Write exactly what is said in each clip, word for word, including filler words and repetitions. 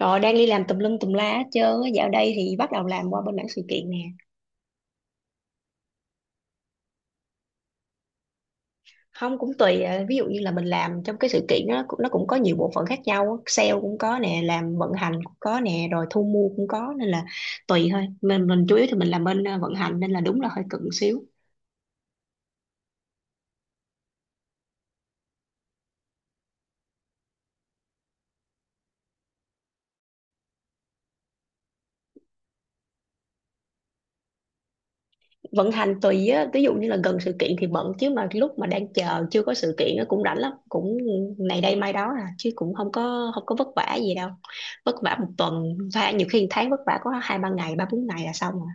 Rồi đang đi làm tùm lum tùm la hết trơn á. Dạo đây thì bắt đầu làm qua bên mảng sự kiện nè. Không cũng tùy à, ví dụ như là mình làm trong cái sự kiện đó nó cũng- nó cũng có nhiều bộ phận khác nhau á. Sale cũng có nè, làm vận hành cũng có nè, rồi thu mua cũng có nên là tùy thôi. Mình mình chủ yếu thì mình làm bên à, vận hành nên là đúng là hơi cận xíu. Vận hành tùy á, ví dụ như là gần sự kiện thì bận, chứ mà lúc mà đang chờ chưa có sự kiện á cũng rảnh lắm, cũng này đây mai đó à, chứ cũng không có không có vất vả gì đâu. Vất vả một tuần, và nhiều khi một tháng vất vả có hai ba ngày, ba bốn ngày là xong rồi.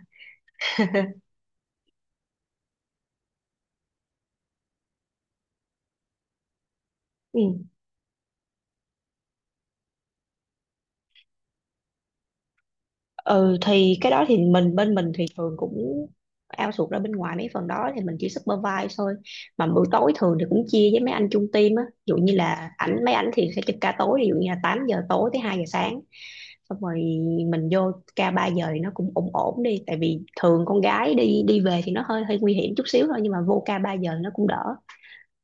Ừ. Ừ thì cái đó thì mình bên mình thì thường cũng outsource ra bên ngoài mấy phần đó, thì mình chỉ supervise thôi. Mà bữa tối thường thì cũng chia với mấy anh chung team á, ví dụ như là ảnh mấy ảnh thì sẽ trực ca tối, ví dụ như là tám giờ tối tới hai giờ sáng, xong rồi mình vô ca ba giờ thì nó cũng ổn ổn đi. Tại vì thường con gái đi đi về thì nó hơi hơi nguy hiểm chút xíu thôi, nhưng mà vô ca ba giờ nó cũng đỡ,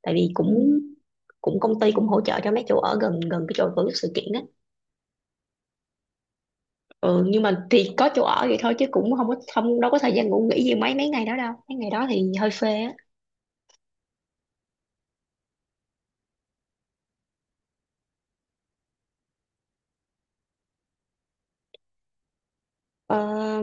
tại vì cũng cũng công ty cũng hỗ trợ cho mấy chỗ ở gần gần cái chỗ tổ chức sự kiện á. Ừ, nhưng mà thì có chỗ ở vậy thôi, chứ cũng không có không đâu có thời gian ngủ nghỉ gì mấy mấy ngày đó đâu, mấy ngày đó thì hơi phê á. Ờ,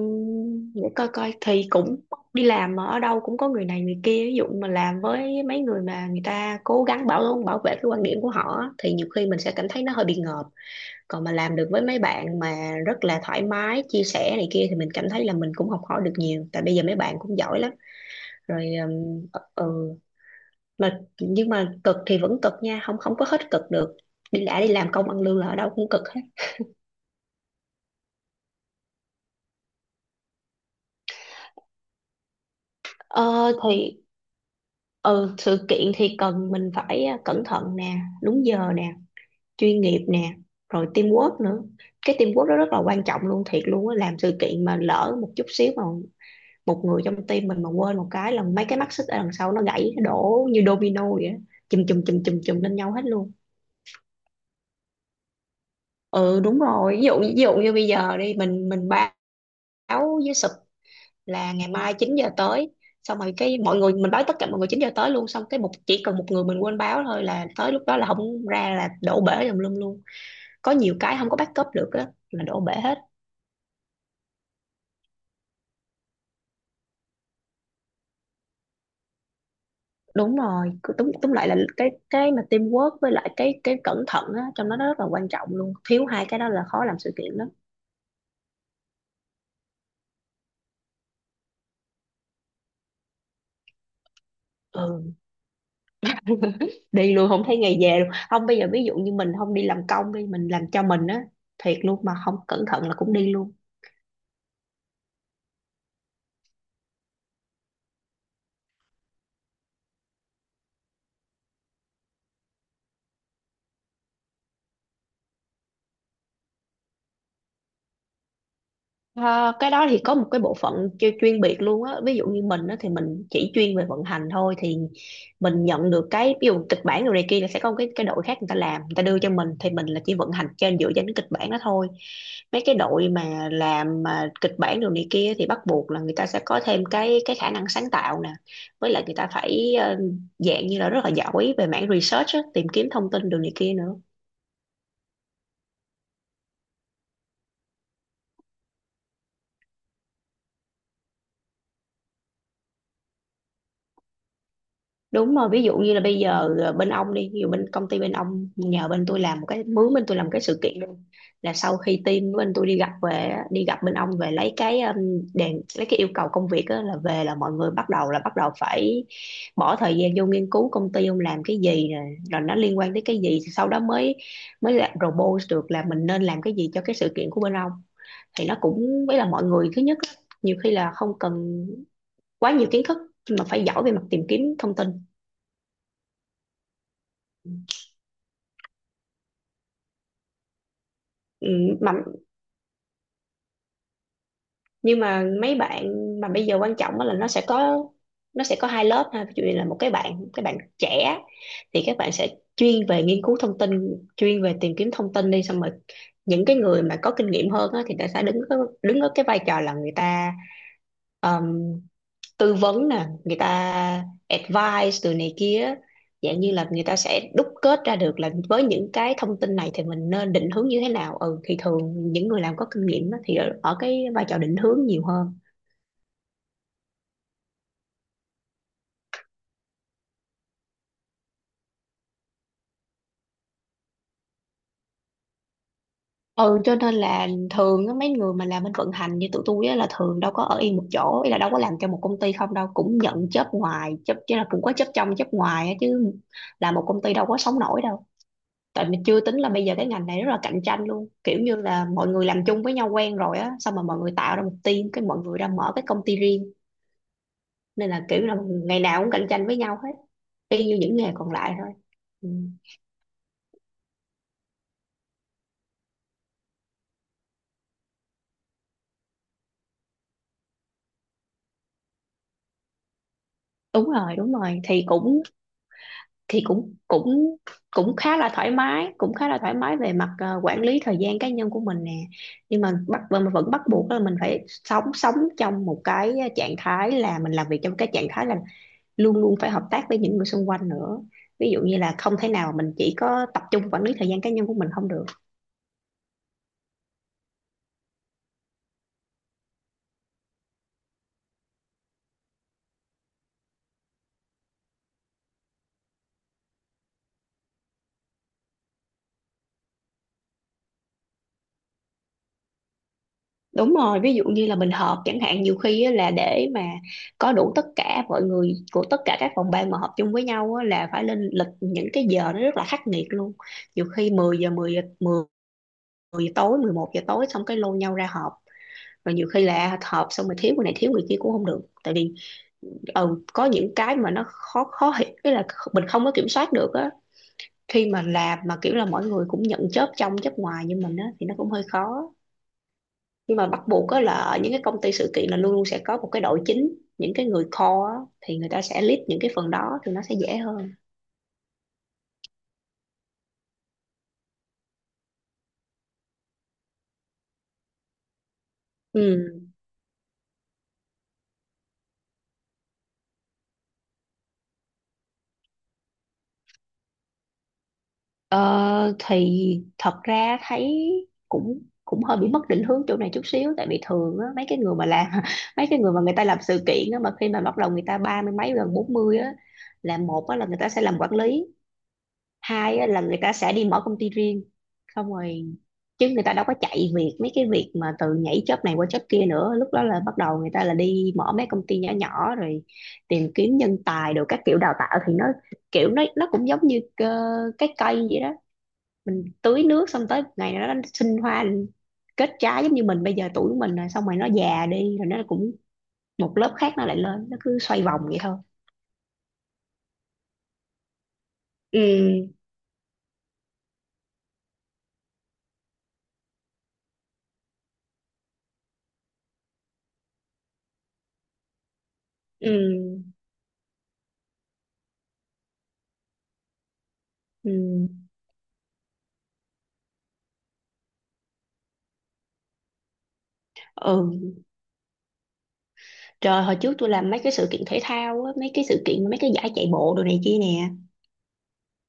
để coi coi thì cũng đi làm mà ở đâu cũng có người này người kia, ví dụ mà làm với mấy người mà người ta cố gắng bảo bảo vệ cái quan điểm của họ á, thì nhiều khi mình sẽ cảm thấy nó hơi bị ngợp. Còn mà làm được với mấy bạn mà rất là thoải mái chia sẻ này kia, thì mình cảm thấy là mình cũng học hỏi được nhiều, tại bây giờ mấy bạn cũng giỏi lắm rồi. Ừ, mà nhưng mà cực thì vẫn cực nha, không không có hết cực được. Đi đã đi làm công ăn lương là ở đâu cũng cực hết. Ờ, thì ừ, sự kiện thì cần mình phải à, cẩn thận nè, đúng giờ nè, chuyên nghiệp nè, rồi teamwork nữa. Cái teamwork đó rất là quan trọng luôn, thiệt luôn á. Làm sự kiện mà lỡ một chút xíu mà một người trong team mình mà quên một cái là mấy cái mắt xích ở đằng sau nó gãy, nó đổ như domino vậy á, chùm chùm chùm chùm chùm lên nhau hết luôn. Ừ đúng rồi, ví dụ ví dụ như bây giờ đi mình mình báo với sụp là ngày mai chín giờ tới, xong rồi cái mọi người mình báo tất cả mọi người chín giờ tới luôn, xong cái một chỉ cần một người mình quên báo thôi là tới lúc đó là không ra, là đổ bể tùm lum luôn. Có nhiều cái không có backup được á là đổ bể hết. Đúng rồi, cứ túm túm lại là cái cái mà teamwork với lại cái cái cẩn thận á, trong đó nó rất là quan trọng luôn, thiếu hai cái đó là khó làm sự kiện lắm. Ừ đi luôn không thấy ngày về luôn. Không, bây giờ ví dụ như mình không đi làm công, đi mình làm cho mình á, thiệt luôn mà không cẩn thận là cũng đi luôn. Ờ, cái đó thì có một cái bộ phận chuyên, chuyên biệt luôn á. Ví dụ như mình á thì mình chỉ chuyên về vận hành thôi, thì mình nhận được cái ví dụ kịch bản rồi này kia là sẽ có một cái cái đội khác người ta làm, người ta đưa cho mình, thì mình là chỉ vận hành trên dựa trên cái kịch bản đó thôi. Mấy cái đội mà làm mà kịch bản rồi này kia thì bắt buộc là người ta sẽ có thêm cái cái khả năng sáng tạo nè, với lại người ta phải ờ, dạng như là rất là giỏi về mảng research á, tìm kiếm thông tin đồ này kia nữa. Đúng rồi, ví dụ như là bây giờ ờ, bên ông đi, ví dụ bên công ty bên ông nhờ bên tôi làm một cái, mướn bên tôi làm một cái sự kiện luôn, là sau khi team bên tôi đi gặp về á, đi gặp bên ông về lấy cái um, đèn, lấy cái yêu cầu công việc á, là về là mọi người bắt đầu là bắt đầu phải bỏ thời gian vô nghiên cứu công ty ông làm cái gì rồi, rồi nó liên quan tới cái gì, sau đó mới mới lại propose được là mình nên làm cái gì cho cái sự kiện của bên ông. Thì nó cũng với là mọi người thứ nhất á, nhiều khi là không cần quá nhiều kiến thức, nhưng mà phải giỏi về mặt tìm kiếm thông tin. Ừ, mà nhưng mà mấy bạn mà bây giờ quan trọng á là nó sẽ có nó sẽ có hai lớp ha. Ví dụ như là một cái bạn, cái bạn trẻ, thì các bạn sẽ chuyên về nghiên cứu thông tin, chuyên về tìm kiếm thông tin đi, xong rồi những cái người mà có kinh nghiệm hơn á, thì người ta sẽ đứng ở- đứng ở cái vai trò là người ta tư vấn nè, người ta advice từ này kia, dạng như là người ta sẽ đúc kết ra được là với những cái thông tin này thì mình nên định hướng như thế nào. Ừ thì thường những người làm có kinh nghiệm á, thì ở, ở cái vai trò định hướng nhiều hơn. Ừ cho nên là thường á, mấy người mà làm bên vận hành như tụi tôi á, là thường đâu có ở yên một chỗ, ý là đâu có làm cho một công ty không đâu, cũng nhận job ngoài job chứ, là cũng có job trong job ngoài á, chứ là một công ty đâu có sống nổi đâu. Tại mình chưa tính là bây giờ cái ngành này rất là cạnh tranh luôn, kiểu như là mọi người làm chung với nhau quen rồi á, xong mà mọi người tạo ra một team cái mọi người ra mở cái công ty riêng, nên là kiểu là ngày nào cũng cạnh tranh với nhau hết, y như những nghề còn lại thôi. Ừ. đúng rồi đúng rồi thì cũng thì cũng cũng cũng khá là thoải mái, cũng khá là thoải mái về mặt ờ, quản lý thời gian cá nhân của mình nè. Nhưng mà bắt mà vẫn bắt buộc là mình phải sống sống trong một cái trạng thái là mình làm việc trong cái trạng thái là luôn luôn phải hợp tác với những người xung quanh nữa. Ví dụ như là không thể nào mình chỉ có tập trung quản lý thời gian cá nhân của mình không được. Đúng rồi, ví dụ như là mình họp chẳng hạn, nhiều khi á, là để mà có đủ tất cả mọi người của tất cả các phòng ban mà họp chung với nhau á, là phải lên lịch những cái giờ nó rất là khắc nghiệt luôn. Nhiều khi mười giờ mười giờ mười giờ tối, mười một giờ tối, xong cái lôi nhau ra họp. Rồi nhiều khi là họp xong rồi thiếu người này thiếu người kia cũng không được, tại vì ừ, có những cái mà nó khó khó hiểu cái là mình không có kiểm soát được á. Khi mà làm mà kiểu là mọi người cũng nhận chớp trong chớp ngoài như mình á, thì nó cũng hơi khó. Nhưng mà bắt buộc á là ở những cái công ty sự kiện là luôn luôn sẽ có một cái đội chính, những cái người core á, thì người ta sẽ lead những cái phần đó, thì nó sẽ dễ hơn. Ừ. ờ, thì thật ra thấy cũng cũng hơi bị mất định hướng chỗ này chút xíu, tại vì thường á, mấy cái người mà làm mấy cái người mà người ta làm sự kiện á, mà khi mà bắt đầu người ta ba mươi mấy gần bốn mươi á, là một á, là người ta sẽ làm quản lý. Hai á, là người ta sẽ đi mở công ty riêng xong rồi, chứ người ta đâu có chạy việc mấy cái việc mà từ nhảy job này qua job kia nữa. Lúc đó là bắt đầu người ta là đi mở mấy công ty nhỏ nhỏ rồi tìm kiếm nhân tài, được các kiểu đào tạo thì nó kiểu nó nó cũng giống như cơ- cái cây vậy đó. Mình tưới nước xong tới ngày nào đó nó sinh hoa kết trái, giống như mình bây giờ tuổi của mình rồi, xong rồi nó già đi rồi nó cũng một lớp khác nó lại lên, nó cứ xoay vòng vậy thôi. Ừ, ừ, ừ, ừ, trời, hồi trước tôi làm mấy cái sự kiện thể thao á, mấy cái sự kiện mấy cái giải chạy bộ đồ này kia nè.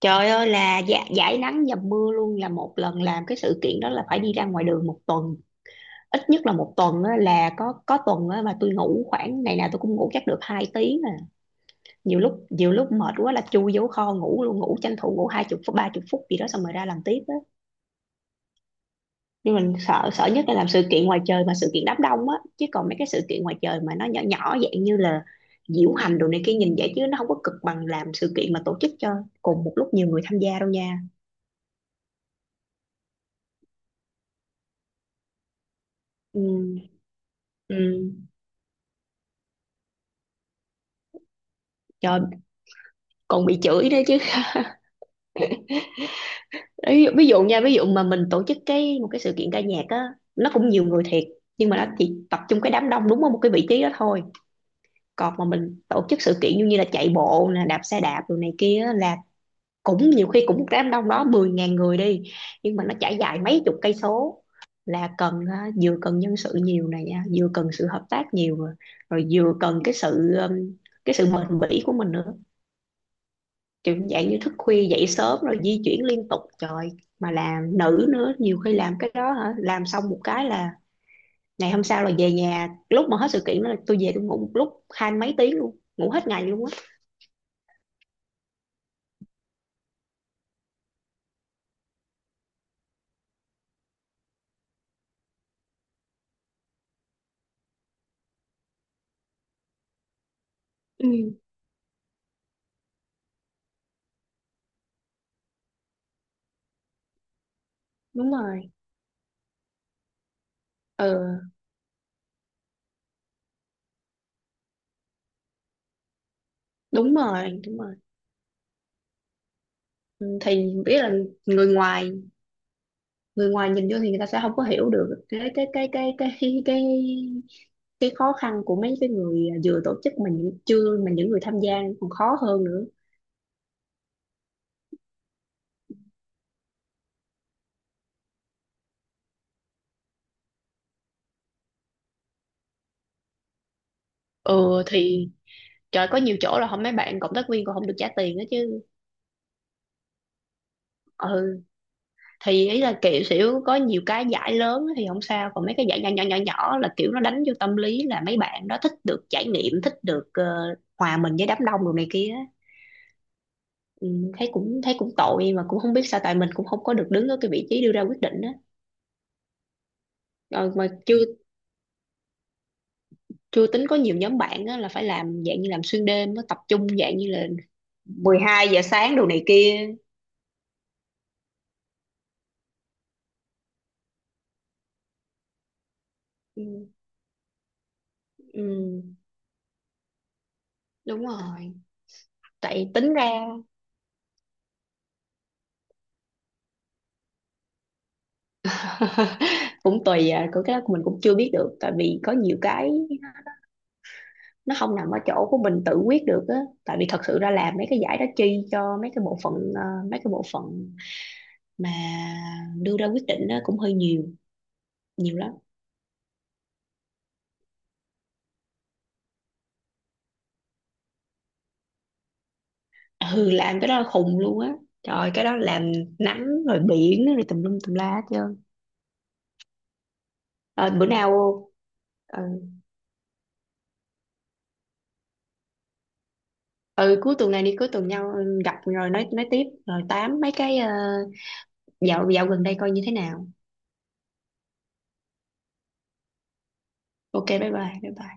Trời ơi là dạ, giải nắng dầm mưa luôn, là một lần làm cái sự kiện đó là phải đi ra ngoài đường một tuần, ít nhất là một tuần á, là có có tuần á, mà tôi ngủ khoảng, ngày nào tôi cũng ngủ chắc được hai tiếng à. Nhiều lúc nhiều lúc mệt quá là chui vô kho ngủ luôn, ngủ tranh thủ ngủ hai chục phút ba chục phút gì đó xong rồi ra làm tiếp á. Nhưng mình sợ sợ nhất là làm sự kiện ngoài trời mà sự kiện đám đông á, chứ còn mấy cái sự kiện ngoài trời mà nó nhỏ nhỏ dạng như là diễu hành đồ này kia, nhìn vậy chứ nó không có cực bằng làm sự kiện mà tổ chức cho cùng một lúc nhiều người tham gia đâu nha. Ừ, ừ. Trời, còn bị chửi nữa chứ. Ví dụ, ví dụ nha, ví dụ mà mình tổ chức cái một cái sự kiện ca nhạc á, nó cũng nhiều người thiệt nhưng mà nó chỉ tập trung cái đám đông đúng ở một cái vị trí đó thôi. Còn mà mình tổ chức sự kiện như như là chạy bộ nè, đạp xe đạp rồi này kia á, là cũng nhiều khi cũng một đám đông đó mười ngàn người đi, nhưng mà nó trải dài mấy chục cây số, là cần ờ, vừa cần nhân sự nhiều này nha, vừa cần sự hợp tác nhiều rồi, rồi vừa cần cái sự ừm, cái sự bền bỉ của mình nữa. Kiểu dạng như thức khuya dậy sớm rồi di chuyển liên tục, trời, mà làm nữ nữa nhiều khi làm cái đó hả, làm xong một cái là ngày hôm sau là về nhà. Lúc mà hết sự kiện đó là tôi về tôi ngủ một lúc hai mấy tiếng luôn, ngủ hết ngày luôn á. Ừ, đúng rồi. Ừ, đúng rồi, đúng rồi. Ừ, thì biết là người ngoài, người ngoài nhìn vô thì người ta sẽ không có hiểu được cái cái cái cái cái cái cái, cái khó khăn của mấy cái người vừa tổ chức, mà những chưa mà những người tham gia còn khó hơn nữa. Ừ thì trời, có nhiều chỗ là không, mấy bạn cộng tác viên còn không được trả tiền đó chứ. Ừ thì ý là kiểu xỉu, có nhiều cái giải lớn thì không sao, còn mấy cái giải nhỏ nhỏ nhỏ nhỏ là kiểu nó đánh vô tâm lý là mấy bạn đó thích được trải nghiệm, thích được ờ, hòa mình với đám đông đồ này kia á. Ừ, thấy cũng thấy cũng tội mà cũng không biết sao, tại mình cũng không có được đứng ở cái vị trí đưa ra quyết định á. Ờ, mà chưa chưa tính có nhiều nhóm bạn á, là phải làm dạng như làm xuyên đêm á, tập trung dạng như là mười hai giờ sáng đồ này kia. Ừ, ừ, đúng rồi. Tại tính ra cũng tùy à, của cái đó mình cũng chưa biết được, tại vì có nhiều cái nó không nằm ở chỗ của mình tự quyết được á. Tại vì thật sự ra làm mấy cái giải đó chi cho mấy cái bộ phận ờ, mấy cái bộ phận mà đưa ra quyết định á cũng hơi nhiều, nhiều lắm. Ừ, làm cái đó là khùng luôn á, trời ơi, cái đó làm nắng rồi biển rồi tùm lum tùm la hết trơn. Ờ, bữa nào, ừ, ừ, cuối tuần này đi, cuối tuần nhau, ừ, gặp rồi nói nói tiếp, rồi tám mấy cái ờ, dạo dạo gần đây coi như thế nào. Ok, bye bye, bye bye.